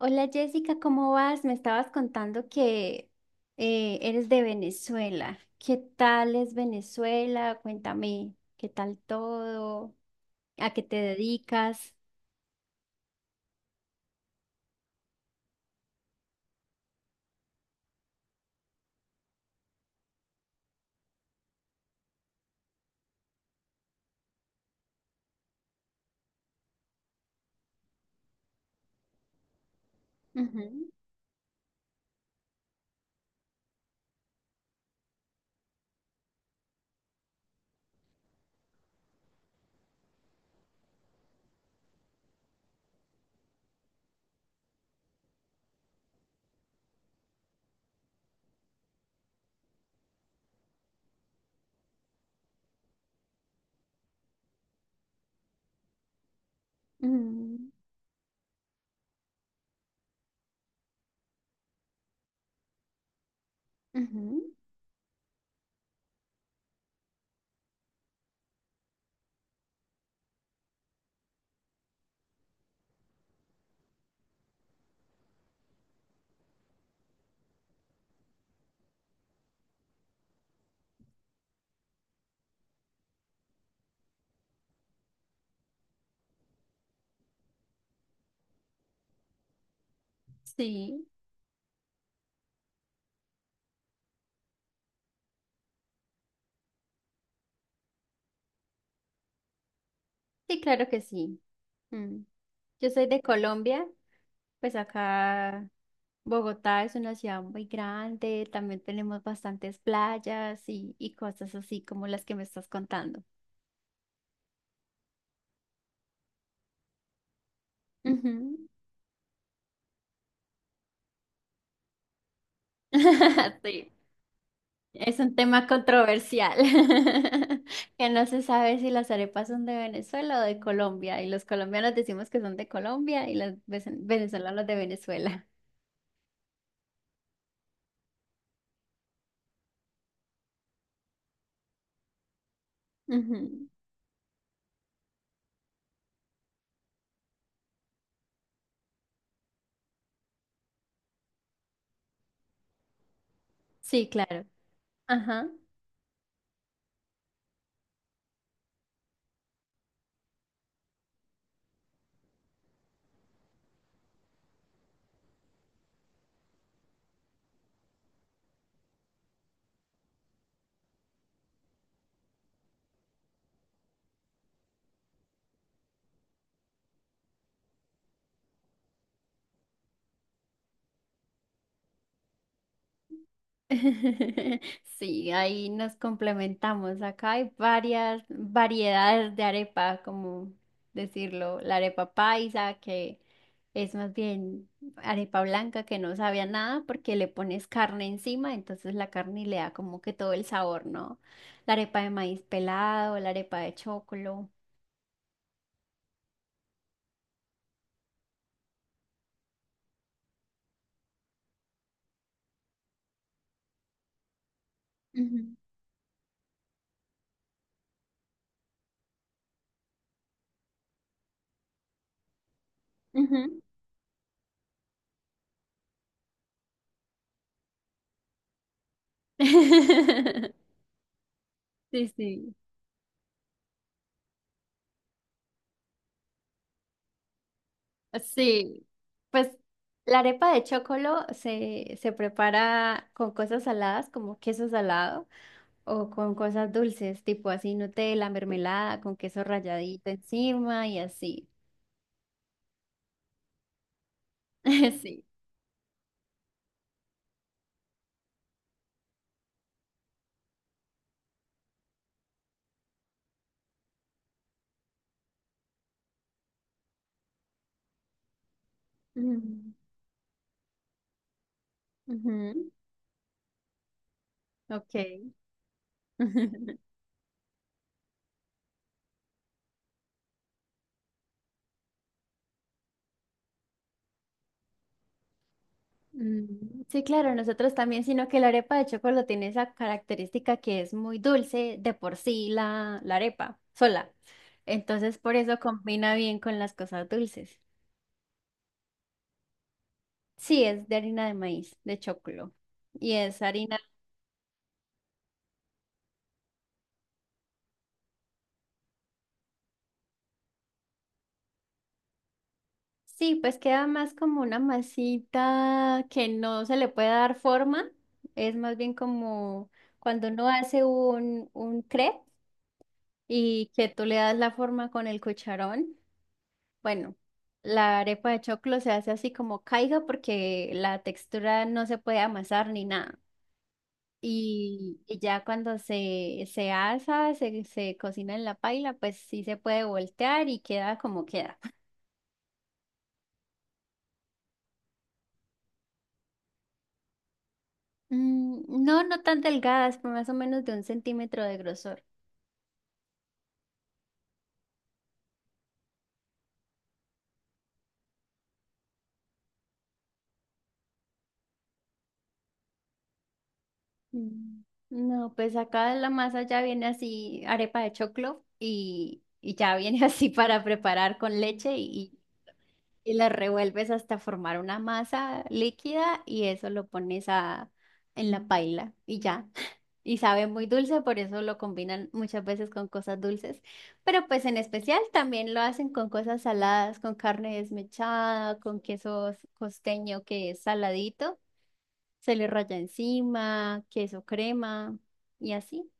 Hola Jessica, ¿cómo vas? Me estabas contando que eres de Venezuela. ¿Qué tal es Venezuela? Cuéntame, ¿qué tal todo? ¿A qué te dedicas? Ujú, mm, ujú. Sí, sí, claro que sí. Mm. Yo soy de Colombia, pues acá Bogotá es una ciudad muy grande, también tenemos bastantes playas y cosas así como las que me estás contando. Ujú. Sí, es un tema controversial, que no se sabe si las arepas son de Venezuela o de Colombia, y los colombianos decimos que son de Colombia y los venezolanos de Venezuela. Ujú. Sí, claro. Ajá. Sí, ahí nos complementamos. Acá hay varias variedades de arepa, como decirlo, la arepa paisa, que es más bien arepa blanca que no sabe a nada porque le pones carne encima, entonces la carne le da como que todo el sabor, ¿no? La arepa de maíz pelado, la arepa de chocolo. Ujú, ujú. Sí, sí. Sí, pues la arepa de chocolo se prepara con cosas saladas como queso salado o con cosas dulces, tipo así Nutella, mermelada, con queso ralladito encima y así. Sí. Mm, ujú, ok. Mm, sí, claro, nosotros también, sino que la arepa de chocolo tiene esa característica que es muy dulce de por sí la arepa sola. Entonces, por eso combina bien con las cosas dulces. Sí, es de harina de maíz, de choclo. Y es harina. Sí, pues queda más como una masita que no se le puede dar forma. Es más bien como cuando uno hace un crepe y que tú le das la forma con el cucharón. Bueno, la arepa de choclo se hace así como caiga porque la textura no se puede amasar ni nada. Y ya cuando se asa, se cocina en la paila, pues sí se puede voltear y queda como queda. Mm, no, no tan delgadas, pero más o menos de un centímetro de grosor. Mm, no, pues acá la masa ya viene así, arepa de choclo, y ya viene así para preparar con leche y la revuelves hasta formar una masa líquida y eso lo pones a, en la paila y ya. Y sabe muy dulce, por eso lo combinan muchas veces con cosas dulces. Pero pues en especial también lo hacen con cosas saladas, con carne desmechada, con queso costeño que es saladito, se le raya encima, queso crema y así.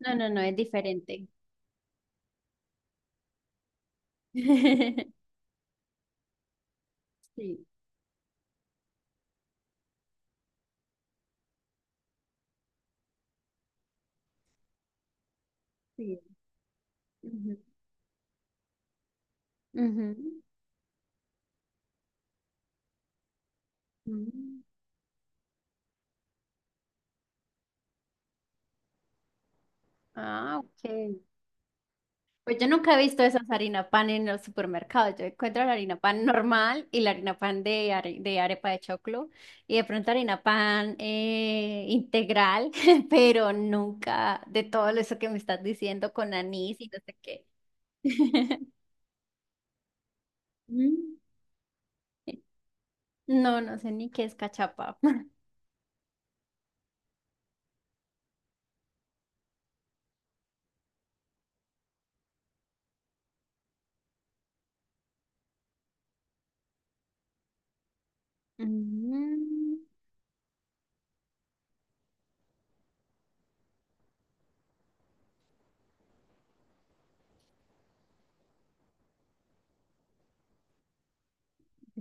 No, no, no, es diferente. Sí, sí. Ujú, ujú. Mm. Ah, ok. Pues yo nunca he visto esas harina pan en los supermercados. Yo encuentro la harina pan normal y la harina pan de, de arepa de choclo y de pronto harina pan integral, pero nunca de todo eso que me estás diciendo con anís y no sé qué. Mm. No, no sé ni qué es cachapa. Mm,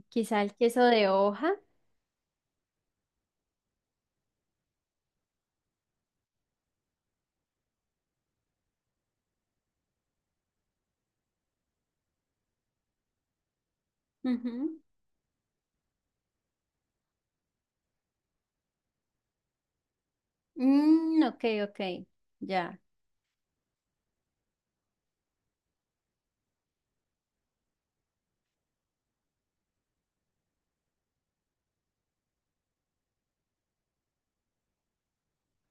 quizá el queso de hoja. Ujú. Mm, ok, ok, ya.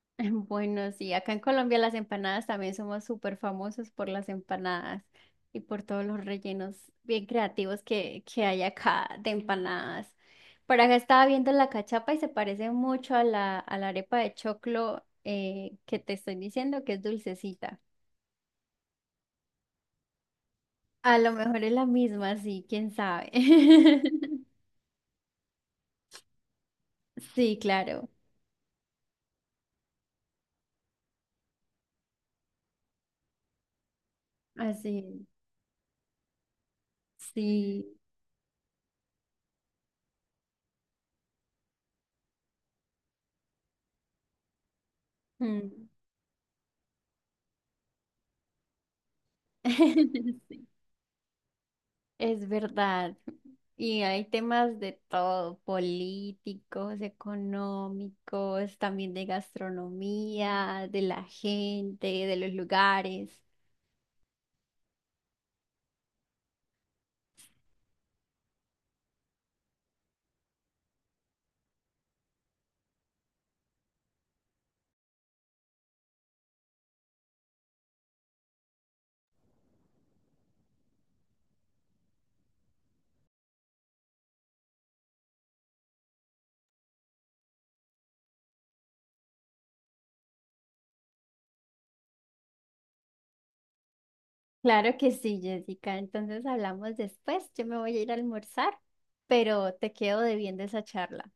Bueno, sí, acá en Colombia las empanadas también somos súper famosos por las empanadas y por todos los rellenos bien creativos que hay acá de empanadas. Por acá estaba viendo la cachapa y se parece mucho a la arepa de choclo que te estoy diciendo que es dulcecita. A lo mejor es la misma, sí, quién sabe. Sí, claro, así, sí. Mm. Es verdad. Y hay temas de todo, políticos, económicos, también de gastronomía, de la gente, de los lugares. Claro que sí, Jessica. Entonces hablamos después. Yo me voy a ir a almorzar, pero te quedo debiendo esa charla.